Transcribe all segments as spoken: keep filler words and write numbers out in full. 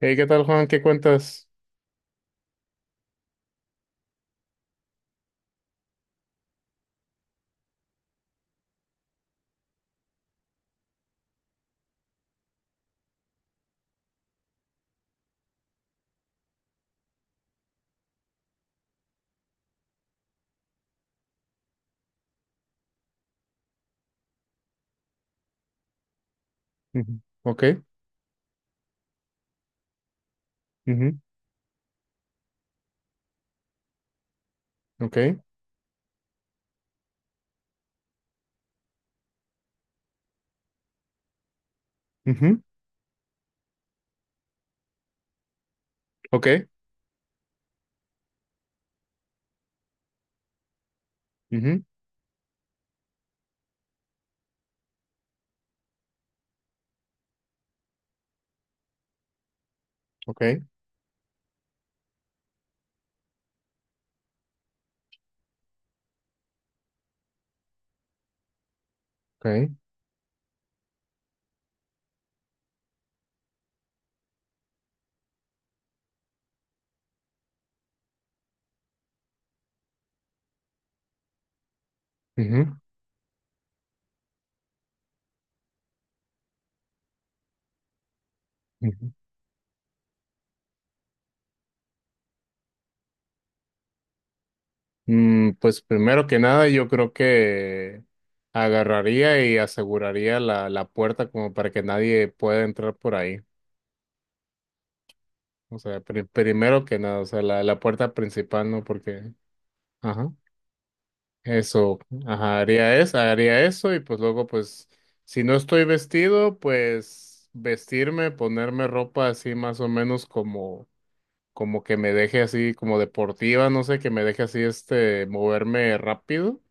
Hey, ¿qué tal, Juan? ¿Qué cuentas? Ujú, ok, ujú, ok, ujú, ok, ujú, ok, ok, ujú, ujú. Mm, pues primero que nada, yo creo que agarraría y aseguraría la, la puerta como para que nadie pueda entrar por ahí. O sea, pri- primero que nada, o sea, la, la puerta principal, ¿no? Porque, ajá. Eso, ajá, haría eso, haría eso y pues luego pues si no estoy vestido, pues vestirme, ponerme ropa así más o menos como como que me deje así como deportiva, no sé, que me deje así este moverme rápido.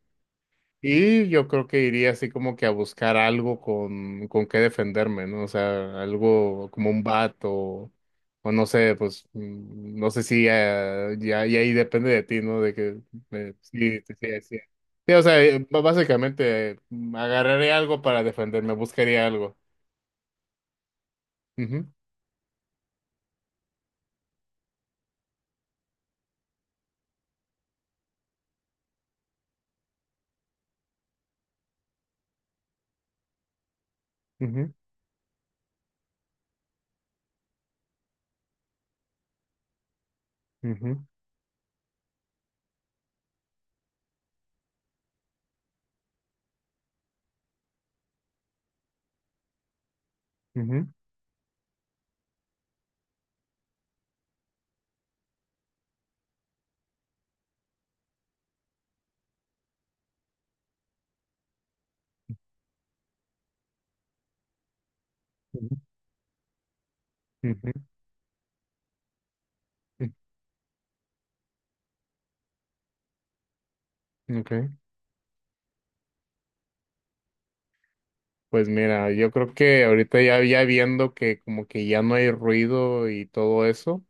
Y yo creo que iría así como que a buscar algo con, con qué defenderme, ¿no? O sea, algo como un bat o, o no sé, pues mm, no sé si eh, ya, ya ahí depende de ti, ¿no? De que eh, sí, sí, sí, sí. Sí, o sea, eh, b- básicamente eh, mm, agarraré algo para defenderme, buscaría algo. Ujú, ujú, ujú, ujú, ujú, ujú, ujú. Ok. Pues mira, yo creo que ahorita ya, ya viendo que como que ya no hay ruido y todo eso.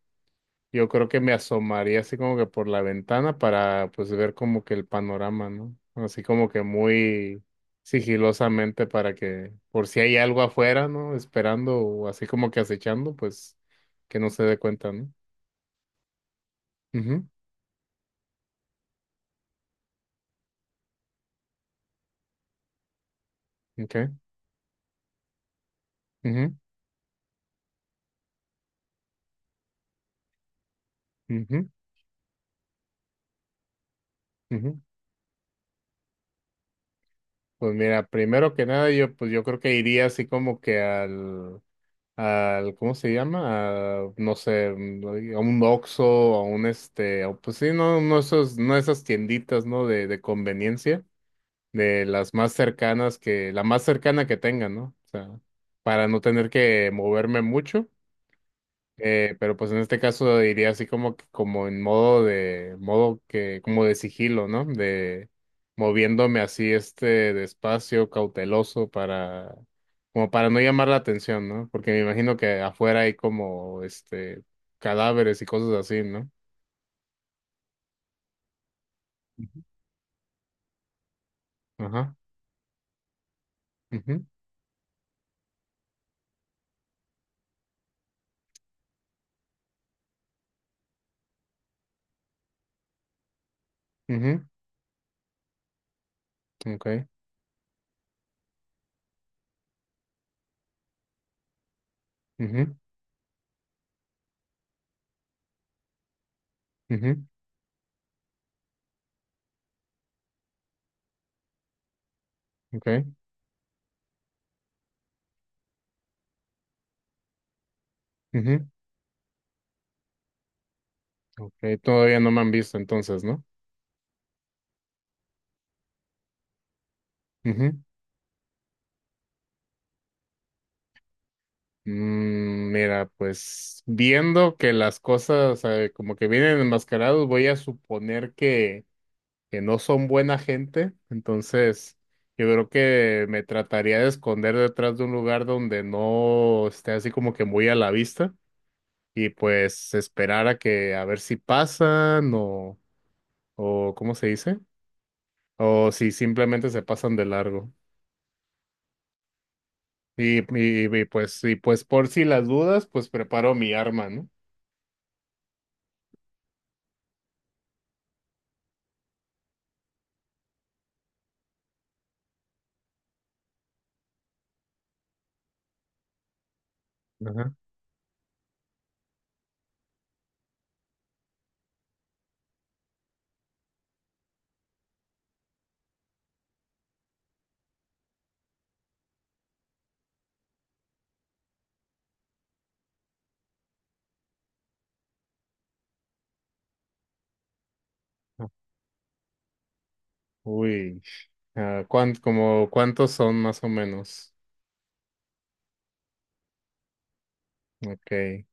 Yo creo que me asomaría así como que por la ventana para pues ver como que el panorama, ¿no? Así como que muy sigilosamente para que por si hay algo afuera, ¿no? Esperando o así como que acechando, pues que no se dé cuenta, ¿no? Ujú, ok, ujú, ujú, ujú. Pues mira, primero que nada yo pues yo creo que iría así como que al al, ¿cómo se llama? A, no sé, mm, a un Oxxo, a un este, a- pues sí, no, no esos, no esas tienditas, ¿no? De, de conveniencia, de las más cercanas que, la más cercana que tengan, ¿no? O sea, para no tener que moverme mucho. Eh, pero pues en este caso diría así como que como en modo de modo que como de sigilo, ¿no? De moviéndome así este despacio, cauteloso para como para no llamar la atención, ¿no? Porque me imagino que afuera hay como este cadáveres y cosas así, ¿no? Ajá. Mhm, mhm. Okay. Mhm, mhm. Okay. Mhm. Okay. Todavía no me han visto entonces, ¿no? Mm, Mira, pues viendo que las cosas eh, como que vienen enmascarados, voy a suponer que, que no son buena gente, entonces yo creo que me trataría de esconder detrás de un lugar donde no esté así como que muy a la vista y pues esperar a que a ver si pasan o, o ¿cómo se dice? O si simplemente se pasan de largo. Y, y, y, pues, y pues por si las dudas, pues preparo mi arma, ¿no? Ajá. Uy, ah, cuán- ¿como cuántos son más o menos? Ok.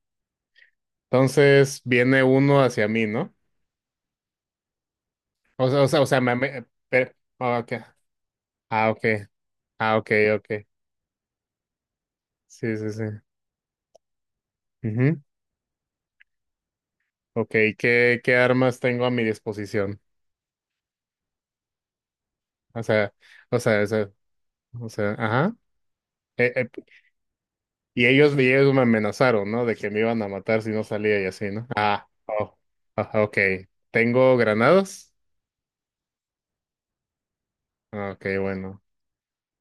Entonces viene uno hacia mí, ¿no? O sea, o sea, o sea, me, me- pero- ah, ok. Ah, ok. Ah, ok, ok. Sí, sí, sí. Ujú. Ok, ¿qué, qué armas tengo a mi disposición? O sea, o sea, o sea, o sea, ajá. Eh, eh, y ellos, y ellos me amenazaron, ¿no? De que me iban a matar si no salía y así, ¿no? Ah, oh, ah, ok. ¿Tengo granadas? Ah, ok, bueno.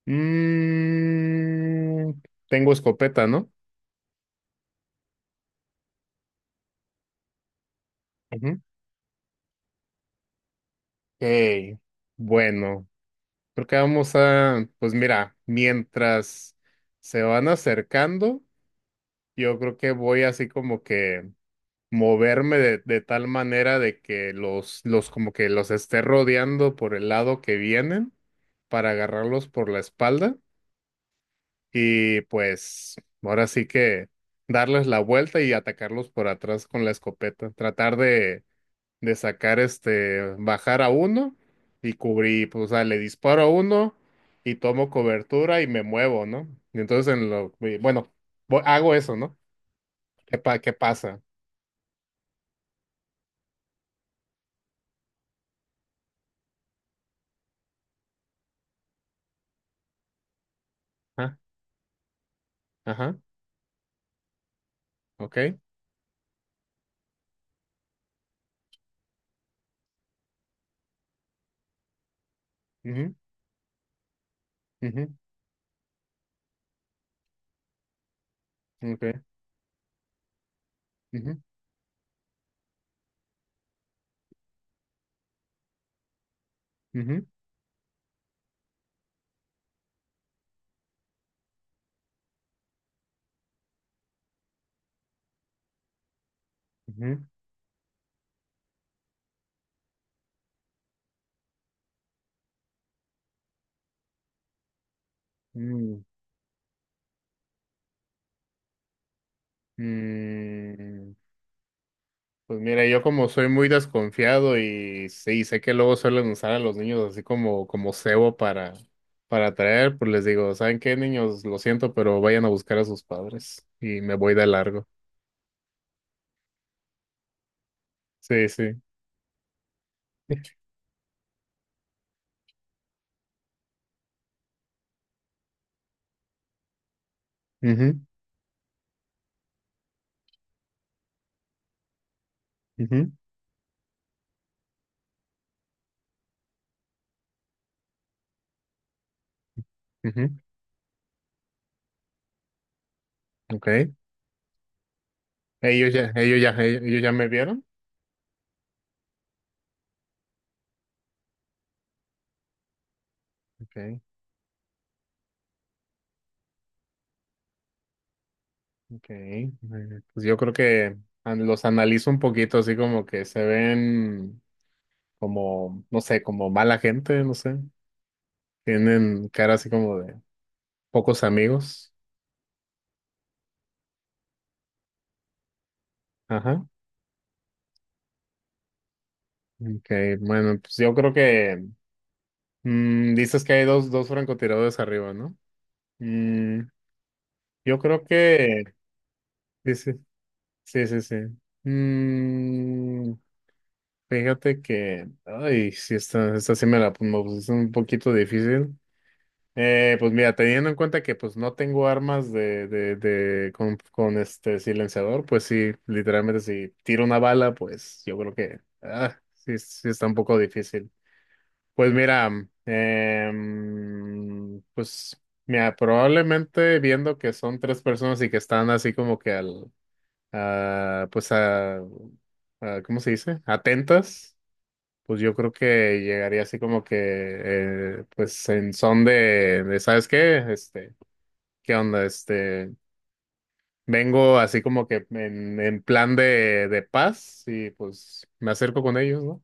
Mm, tengo escopeta, ¿no? Ujú. Ok, bueno, creo que vamos a, pues mira, mientras se van acercando, yo creo que voy así como que moverme de, de tal manera de que los, los como que los esté rodeando por el lado que vienen para agarrarlos por la espalda y pues ahora sí que darles la vuelta y atacarlos por atrás con la escopeta, tratar de sacar este, bajar a uno y cubrir, pues, o sea, le disparo a uno y tomo cobertura y me muevo, ¿no? Y entonces, en lo, y bueno, voy- hago eso, ¿no? ¿Qué, pa- qué pasa? Ajá, ajá, ok, ujú, ujú, ok, ujú, ujú, ujú, mm, mm. Pues mira, yo como soy muy desconfiado y sí, sé que luego suelen usar a los niños así como, como cebo para, para atraer, pues les digo, ¿saben qué, niños? Lo siento, pero vayan a buscar a sus padres y me voy de largo. Sí, sí. Mhm, mhm, mhm. Okay. Ellos ya, ellos ya, ellos ya me vieron. Okay, okay. Eh, Pues yo creo que an- los analizo un poquito así como que se ven como, no sé, como mala gente, no sé. Tienen cara así como de pocos amigos. Ajá. Ok, bueno, pues yo creo que mm, dices que hay dos, dos francotiradores arriba, ¿no? Mm, yo creo que sí, sí, sí, sí, sí. Mm, fíjate que, ay, sí, esta, esta sí me la me pusiste un poquito difícil. Eh, pues mira, teniendo en cuenta que pues no tengo armas de, de, de con, con este silenciador, pues sí, literalmente si tiro una bala, pues yo creo que ah, sí, sí está un poco difícil. Pues mira, em, pues mira, probablemente viendo que son tres personas y que están así como que al, a, pues a, a- ¿cómo se dice? Atentas, pues yo creo que llegaría así como que, eh, pues en son de, de, ¿sabes qué? Este, ¿qué onda? Este, vengo así como que en, en plan de, de paz y pues me acerco con ellos, ¿no?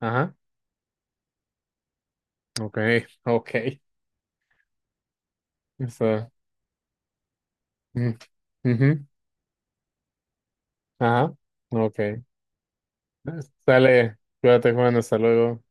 Ajá, ok, ok, está. Mm. Ujú. Ajá, ok. Sale, cuídate, Juan. Hasta luego.